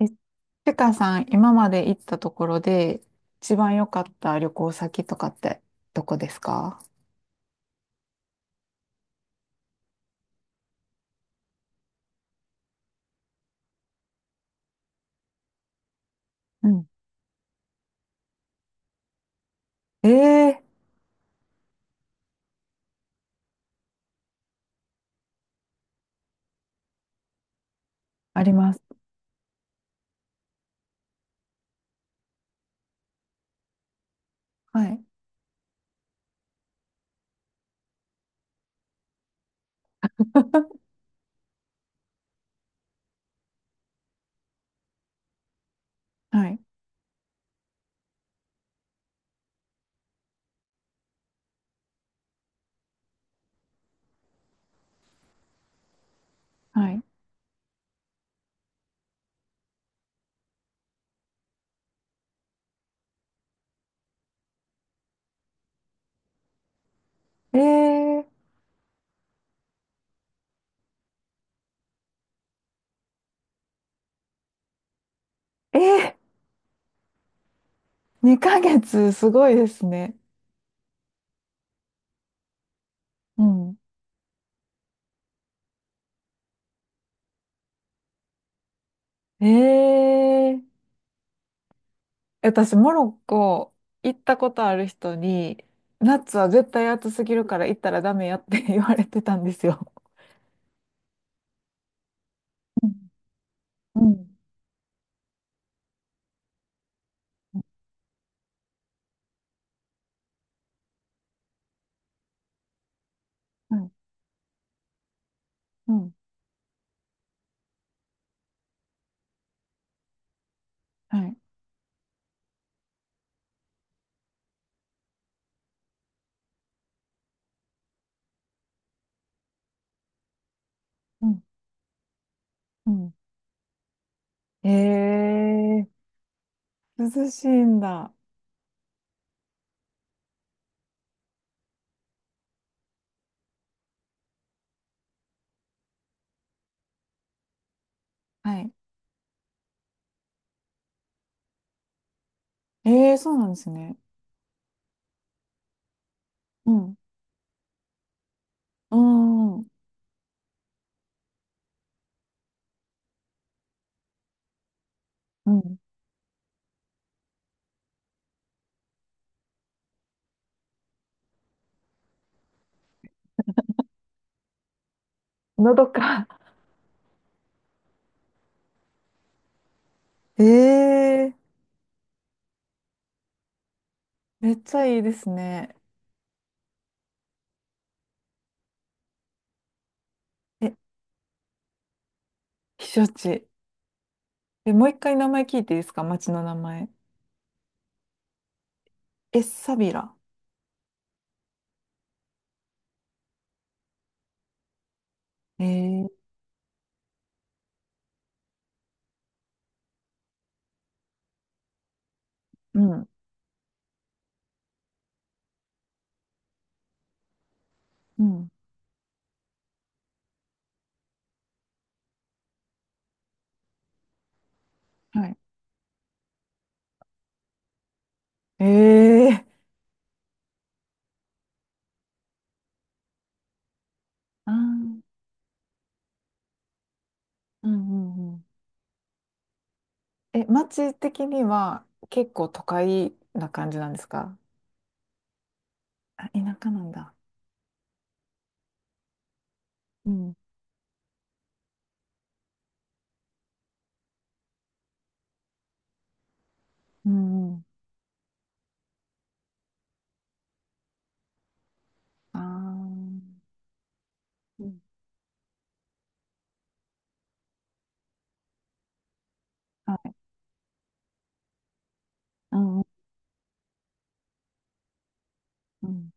え、ちかさん、今まで行ったところで、一番良かった旅行先とかって、どこですか？うん。ええー。あります。はい。はい。はい。ええ。ええ。2ヶ月、すごいですね。うん。ええー。私、モロッコ行ったことある人に、夏は絶対暑すぎるから行ったらダメやって 言われてたんですよ。うん。うん。はい。うん。はい。うん。うん。ええ。涼しいんだ。はい。ええ、そうなんですね。うん。うん。うん。のどか。ええ、めっちゃいいですね。え、避暑地。え、もう一回名前聞いていいですか、町の名前。え、サビラ。ええ。うん。うん。はい。ええ。ああー、うんうんうん。え、町的には結構都会な感じなんですか？あ、田舎なんだ。うん。うんうん。ああ。はい。うんうんうん。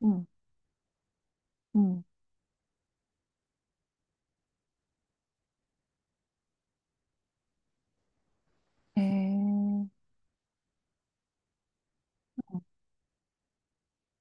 うんうん。へえ。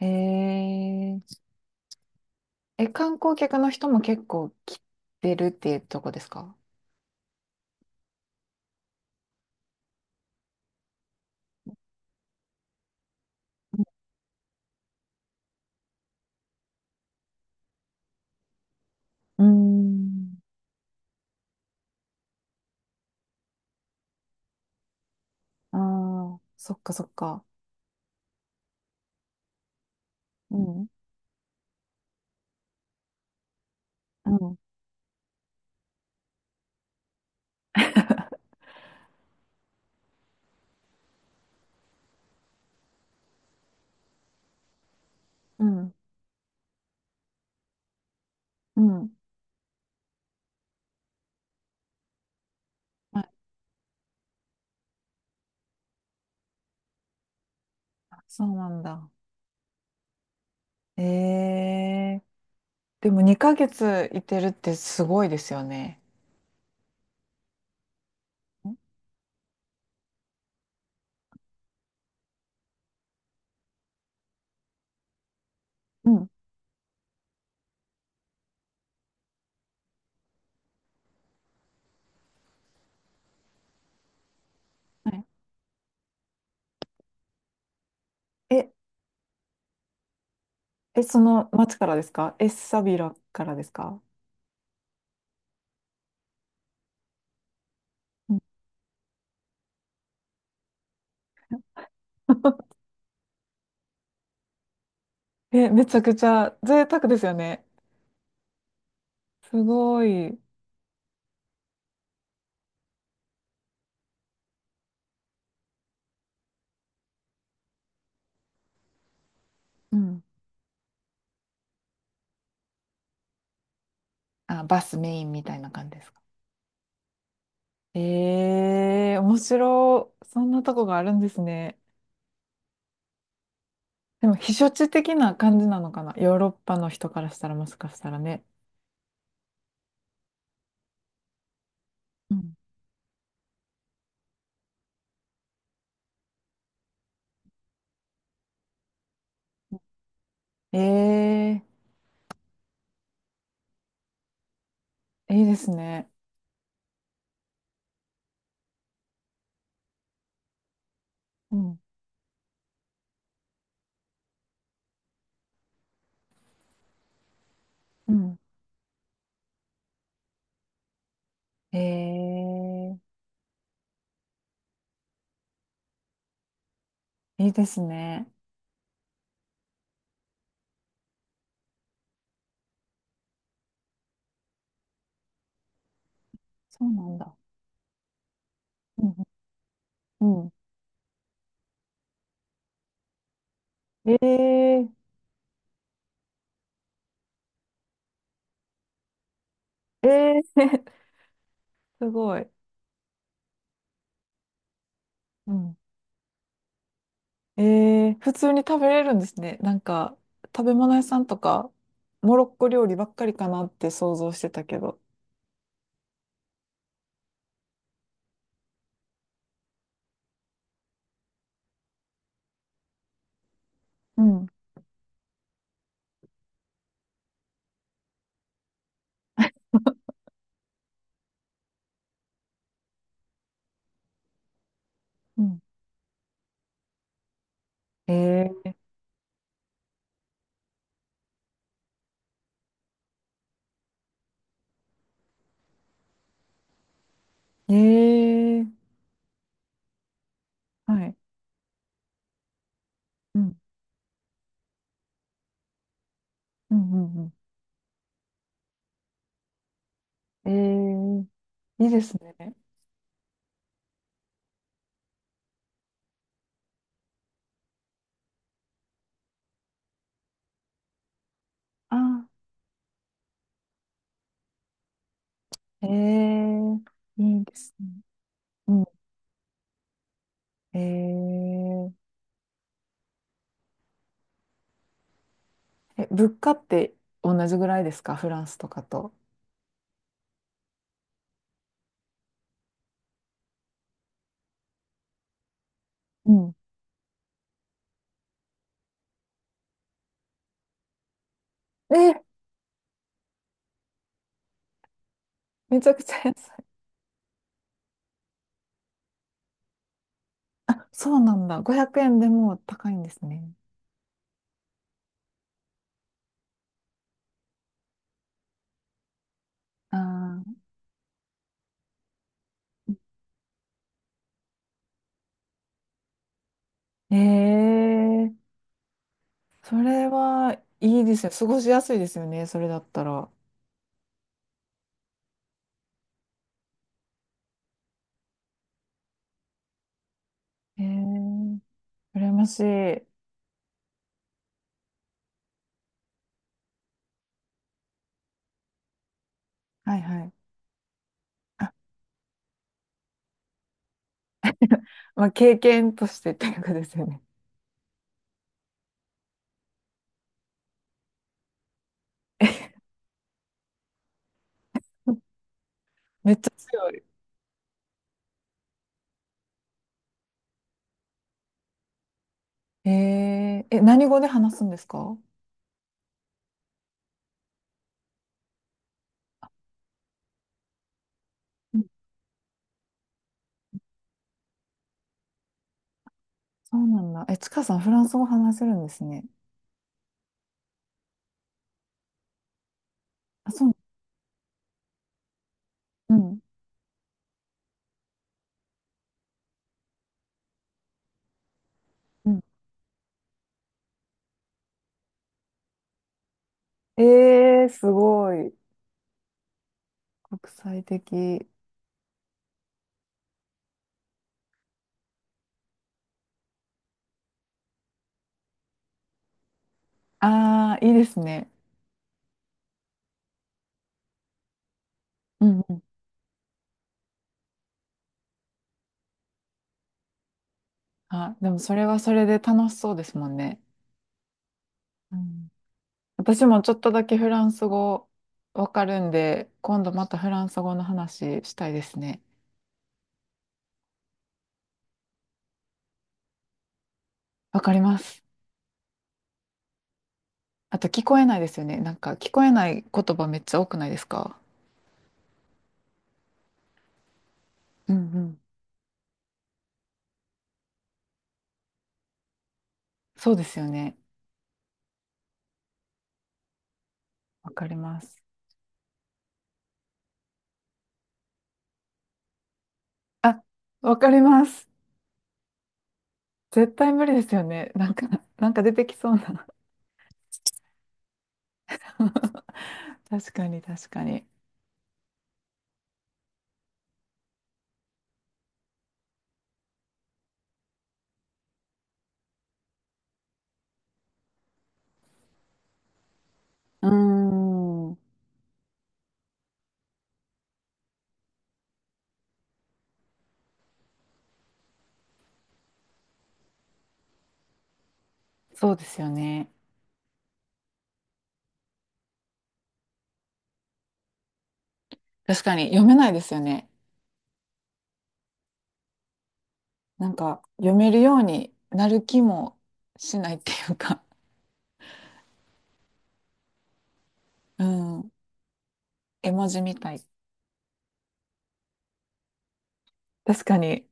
へえ。え、観光客の人も結構来てるっていうとこですか？うん。ああー、そっかそっか。うん。うん。うん。うん。はい。あ、そうなんだ。ええ。でも2ヶ月いてるってすごいですよね。ん。うん。はい。え、え、その町からですか？え、エッサビラからですか？うん。 え、めちゃくちゃ贅沢ですよね。すごい。うん。あ、バスメインみたいな感じですか。ええ、面白い。そんなとこがあるんですね。でも、避暑地的な感じなのかな。ヨーロッパの人からしたらもしかしたらね。うん。ええ、いいですね。うん。うん。ええ、いいですね。そうなんだ。うん。うん。ええ。ええ。 すごい。うん。えー、普通に食べれるんですね。なんか、食べ物屋さんとか、モロッコ料理ばっかりかなって想像してたけど。うん、うん。えー、えー、はい。うん、うん、うんうん。えー、いいですね。あー、えー、いいですね。うん。えー、え、物価って同じぐらいですか、フランスとかと。うん。えー、めちゃくちゃ安い。そうなんだ。500円でも高いんですね。ああ。ええ、それはいいですよ、過ごしやすいですよね、それだったら。ええ。羨ましい。はいはい。あ、まあ、経験としてっていうかですよね。めっちゃ強い。ええ。え、何語で話すんですか？うん。そうなんだ。え、ちかさん、フランス語話せるんですね。あ、そう。うん。うん。ええ、すごい。国際的。ああ、いいですね。うんうん。あ、でもそれはそれで楽しそうですもんね。うん。私もちょっとだけフランス語わかるんで、今度またフランス語の話したいですね。わかります。あと聞こえないですよね。なんか聞こえない言葉めっちゃ多くないですか？うんうん。そうですよね。わかります。あ、わかります。絶対無理ですよね。なんか、なんか出てきそうな。確かに確かに。うーん。そうですよね。確かに読めないですよね。なんか読めるようになる気もしないっていうか。うん。絵文字みたい。確かに、